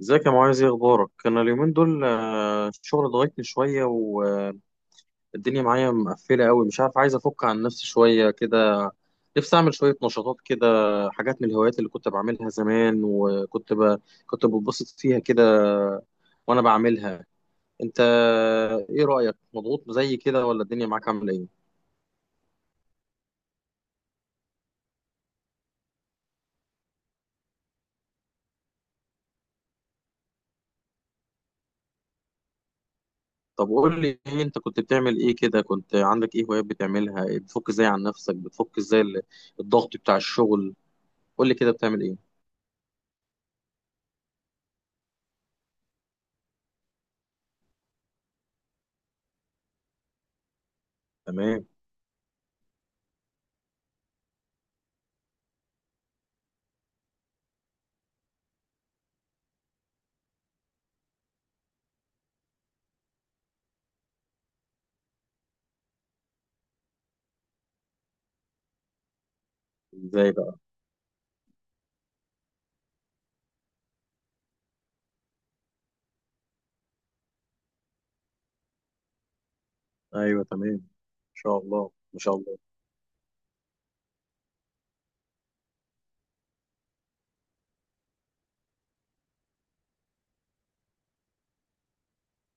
ازيك يا معاذ، ايه اخبارك؟ انا اليومين دول الشغل ضغطني شويه، والدنيا معايا مقفله قوي، مش عارف، عايز افك عن نفسي شويه كده. نفسي اعمل شويه نشاطات كده، حاجات من الهوايات اللي كنت بعملها زمان وكنت كنت بتبسط فيها كده وانا بعملها. انت ايه رايك؟ مضغوط زي كده ولا الدنيا معاك عامله ايه؟ طب قول لي إيه انت كنت بتعمل. ايه كده، كنت عندك ايه هوايات بتعملها؟ بتفك ازاي عن نفسك؟ بتفك ازاي الضغط بتاع الشغل؟ قول لي كده بتعمل ايه. تمام. ازاي بقى؟ ايوه تمام، ان شاء الله، ما شاء الله.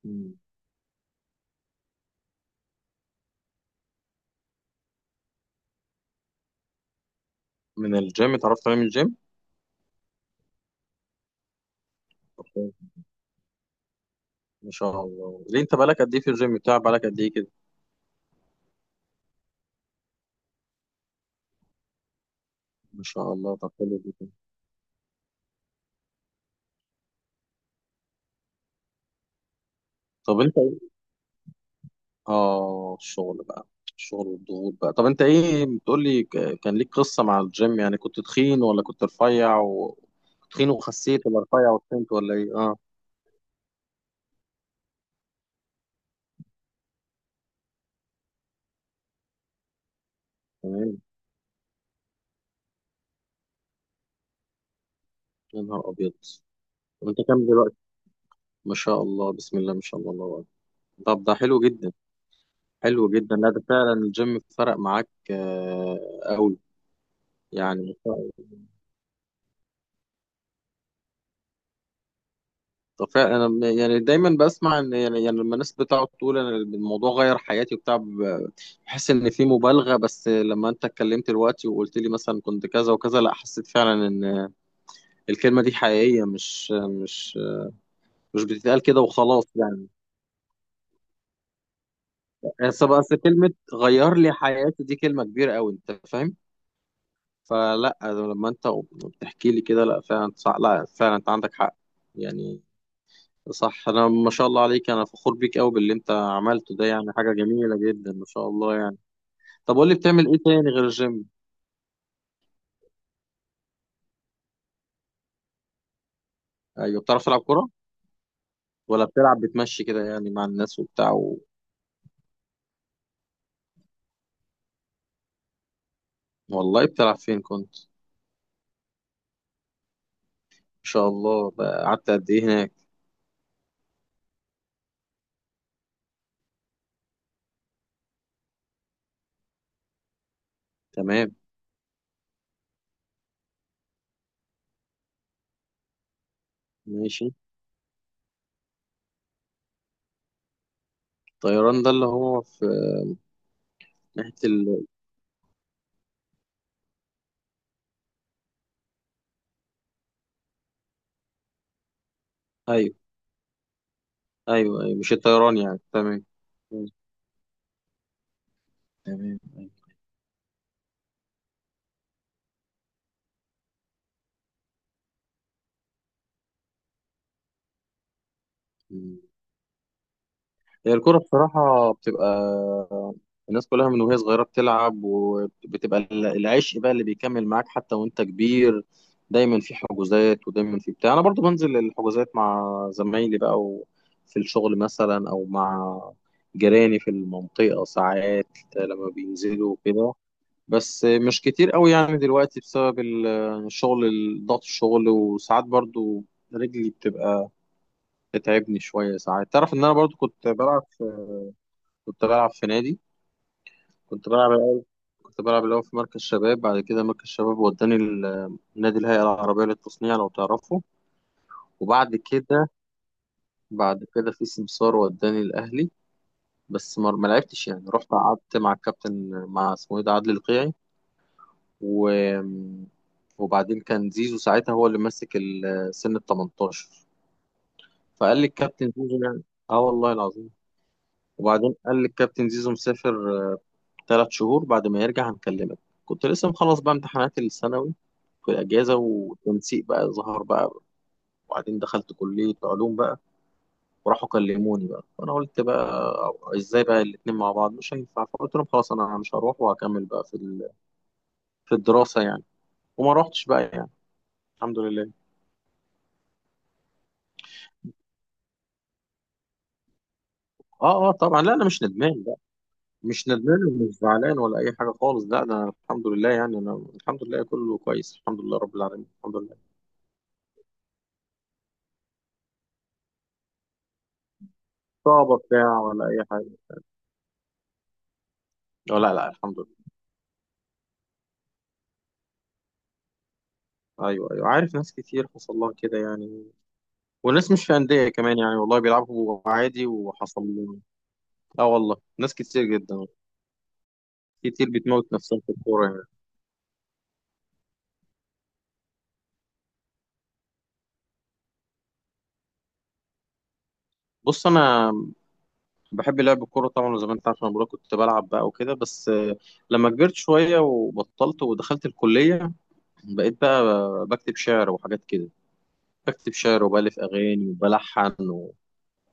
مم. من الجيم اتعرفت عليه؟ من الجيم. طب كويس. ما شاء الله، ليه؟ انت بقالك قد ايه في الجيم بتاع؟ بقالك قد ايه كده؟ ما شاء الله، طب حلو جدا. طب انت ايه؟ اه الشغل بقى، الشغل والضغوط بقى. طب انت ايه بتقول لي؟ كان ليك قصة مع الجيم؟ يعني كنت تخين ولا كنت رفيع كنت تخين وخسيت، ولا رفيع وتخنت، ولا ايه؟ اه، تمام. يا نهار ابيض! طب انت كام دلوقتي؟ ما شاء الله، بسم الله ما شاء الله، الله أكبر. طب ده حلو جدا، حلو جدا. لا ده فعلا الجيم فرق معاك قوي. يعني فعلا انا، يعني دايما بسمع ان، يعني لما الناس بتقعد تقول انا الموضوع غير حياتي وبتاع، بحس ان في مبالغه. بس لما انت اتكلمت دلوقتي وقلت لي مثلا كنت كذا وكذا، لا، حسيت فعلا ان الكلمه دي حقيقيه، مش بتتقال كده وخلاص يعني. بس كلمه غير لي حياتي دي كلمه كبيره قوي، انت فاهم؟ فلا، لما انت بتحكي لي كده، لا فعلا صح، لا فعلا انت عندك حق يعني. صح، انا ما شاء الله عليك، انا فخور بيك قوي باللي انت عملته ده، يعني حاجه جميله جدا ما شاء الله يعني. طب قول لي بتعمل ايه تاني غير الجيم؟ ايوه، بتعرف تلعب كوره؟ ولا بتلعب بتمشي كده يعني مع الناس وبتاع والله بتلعب فين كنت؟ ما شاء الله بقى، قعدت قد ايه هناك؟ تمام. ماشي. الطيران ده اللي هو في ناحيه ايوه، ايوه ايوه، مش الطيران يعني، تمام. تمام. أيوة. هي الكرة بصراحة بتبقى، الناس كلها من وهي صغيرة بتلعب، وبتبقى العشق بقى اللي بيكمل معاك حتى وانت كبير. دايما في حجوزات، ودايما في بتاع. انا برضو بنزل الحجوزات مع زمايلي بقى في الشغل مثلا، او مع جيراني في المنطقة ساعات لما بينزلوا وكده. بس مش كتير قوي يعني دلوقتي بسبب الشغل، ضغط الشغل. وساعات برضو رجلي بتبقى بتتعبني شوية ساعات. تعرف ان انا برضو كنت بلعب في نادي. كنت بلعب الأول- كنت بلعب الأول في مركز شباب، بعد كده مركز شباب وداني نادي الهيئة العربية للتصنيع لو تعرفه. وبعد كده بعد كده في سمسار وداني الأهلي. بس ما لعبتش يعني، رحت قعدت مع الكابتن، مع اسمه ايه ده، عادل القيعي و... وبعدين كان زيزو ساعتها هو اللي ماسك سن ال 18. فقال لي الكابتن زيزو يعني. اه والله العظيم. وبعدين قال لي الكابتن زيزو مسافر 3 شهور، بعد ما يرجع هنكلمك. كنت لسه مخلص بقى امتحانات الثانوي، في الأجازة. والتنسيق بقى ظهر بقى، وبعدين دخلت كلية علوم بقى، وراحوا كلموني بقى. وأنا قلت بقى إزاي بقى الاتنين مع بعض؟ مش هينفع. فقلت لهم خلاص، أنا مش هروح، وهكمل بقى في في الدراسة يعني. وما روحتش بقى يعني، الحمد لله. اه اه طبعا، لا، انا مش ندمان بقى. مش ندمان ومش زعلان ولا اي حاجه خالص. لا، ده انا الحمد لله يعني، انا الحمد لله كله كويس، الحمد لله رب العالمين، الحمد لله. صعبه بتاع ولا اي حاجه؟ لا لا، الحمد لله. ايوه ايوه عارف، ناس كتير حصل لها كده يعني، والناس مش في أندية كمان يعني، والله بيلعبوا عادي وحصل لهم. اه والله، ناس كتير جدا. كتير بتموت نفسها في الكورة يعني. بص، أنا بحب لعب الكورة طبعا، زي ما أنت عارف. أنا بقولك كنت بلعب بقى وكده، بس لما كبرت شوية وبطلت ودخلت الكلية، بقيت بقى بكتب شعر وحاجات كده. بكتب شعر، وبألف أغاني، وبلحن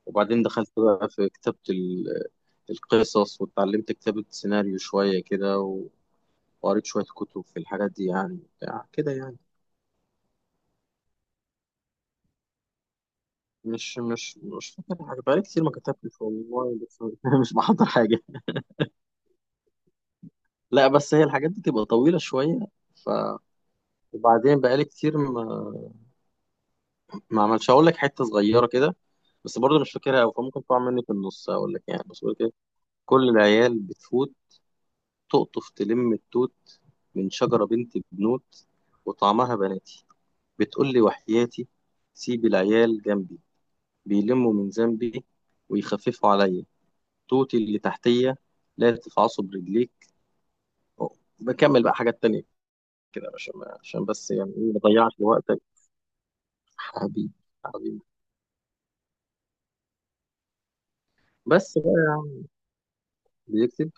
وبعدين دخلت بقى في كتابة القصص، واتعلمت كتابة سيناريو شوية كده وقريت شوية كتب في الحاجات دي يعني بتاع كده يعني. مش فاكر حاجة، بقالي كتير ما كتبتش والله. بس مش بحضر حاجة. لا بس هي الحاجات دي تبقى طويلة شوية. ف وبعدين بقالي كتير ما عملش. هقول لك حتة صغيرة كده، بس برضه مش فاكرها أوي فممكن تقع مني في النص. هقول لك يعني، بس بقول كده. كل العيال بتفوت، تقطف تلم التوت، من شجرة بنت بنوت، وطعمها بناتي، بتقول لي وحياتي، سيب العيال جنبي، بيلموا من ذنبي، ويخففوا عليا، توتي اللي تحتية، لا تفعصوا برجليك. بكمل بقى حاجات تانية كده، عشان بس يعني إيه، ما ضيعش وقتك حبيبي. حبيبي، بس بقى بيكتب.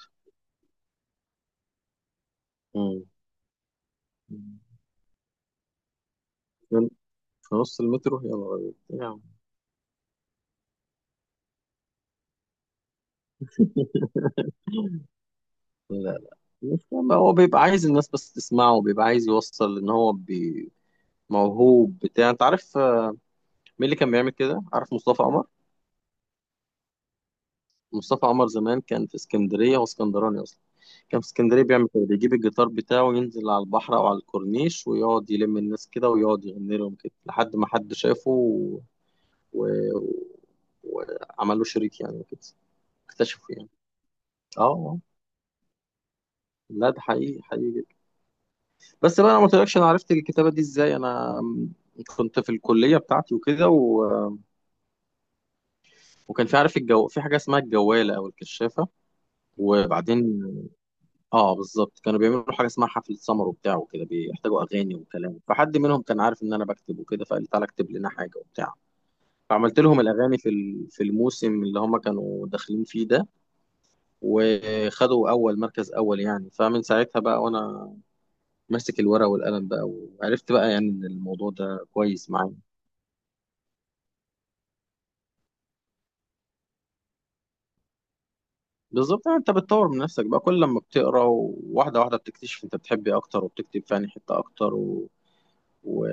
مم. في نص المترو يلا بينا. يعني لا، مش، ما هو بيبقى عايز الناس بس تسمعه، وبيبقى عايز يوصل ان هو موهوب بتاع، انت عارف مين اللي كان بيعمل كده؟ عارف مصطفى قمر؟ مصطفى عمر زمان كان في اسكندرية، واسكندراني أصلا. كان في اسكندرية بيعمل كده، بيجيب الجيتار بتاعه وينزل على البحر أو على الكورنيش، ويقعد يلم الناس كده، ويقعد يغني لهم كده، لحد ما حد شافه و... و... وعمل له شريك يعني وكده، اكتشفه يعني. اه آه. لا ده حقيقي، حقيقي جدا. بس بقى انا ما قلتلكش انا عرفت الكتابه دي ازاي. انا كنت في الكليه بتاعتي وكده وكان في، عارف الجو، في حاجه اسمها الجواله او الكشافه. وبعدين، اه بالظبط، كانوا بيعملوا حاجه اسمها حفله سمر وبتاع وكده، بيحتاجوا اغاني وكلام. فحد منهم كان عارف ان انا بكتب وكده، فقال لي تعالى اكتب لنا حاجه وبتاع. فعملت لهم الاغاني في في الموسم اللي هم كانوا داخلين فيه ده، وخدوا اول مركز، اول يعني. فمن ساعتها بقى وانا ماسك الورقه والقلم بقى، وعرفت بقى يعني ان الموضوع ده كويس معايا. بالظبط، يعني انت بتطور من نفسك بقى. كل لما بتقرا وواحده واحده، بتكتشف انت بتحب ايه اكتر، وبتكتب في انهي حته اكتر و... و...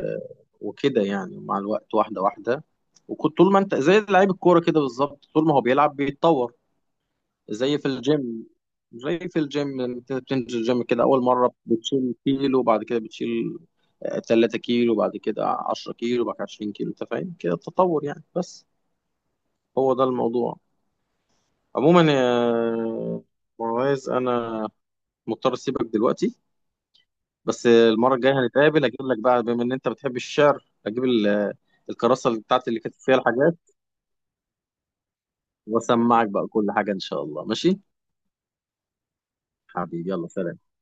وكده يعني، مع الوقت، واحده واحده. وكنت طول ما انت زي لعيب الكوره كده بالظبط، طول ما هو بيلعب بيتطور. زي في الجيم، زي في الجيم انت بتنزل الجيم كده، اول مره بتشيل كيلو، وبعد كده بتشيل 3 كيلو، وبعد كده 10 كيلو، وبعد كده 20 كيلو. انت فاهم كده التطور يعني. بس هو ده الموضوع. عموما يا معاذ، انا مضطر اسيبك دلوقتي. بس المره الجايه هنتقابل، اجيب لك بقى، بما ان انت بتحب الشعر، اجيب الكراسه اللي بتاعتي اللي كاتب فيها الحاجات، واسمعك بقى كل حاجه ان شاء الله. ماشي. حبيبي، يلا سلام.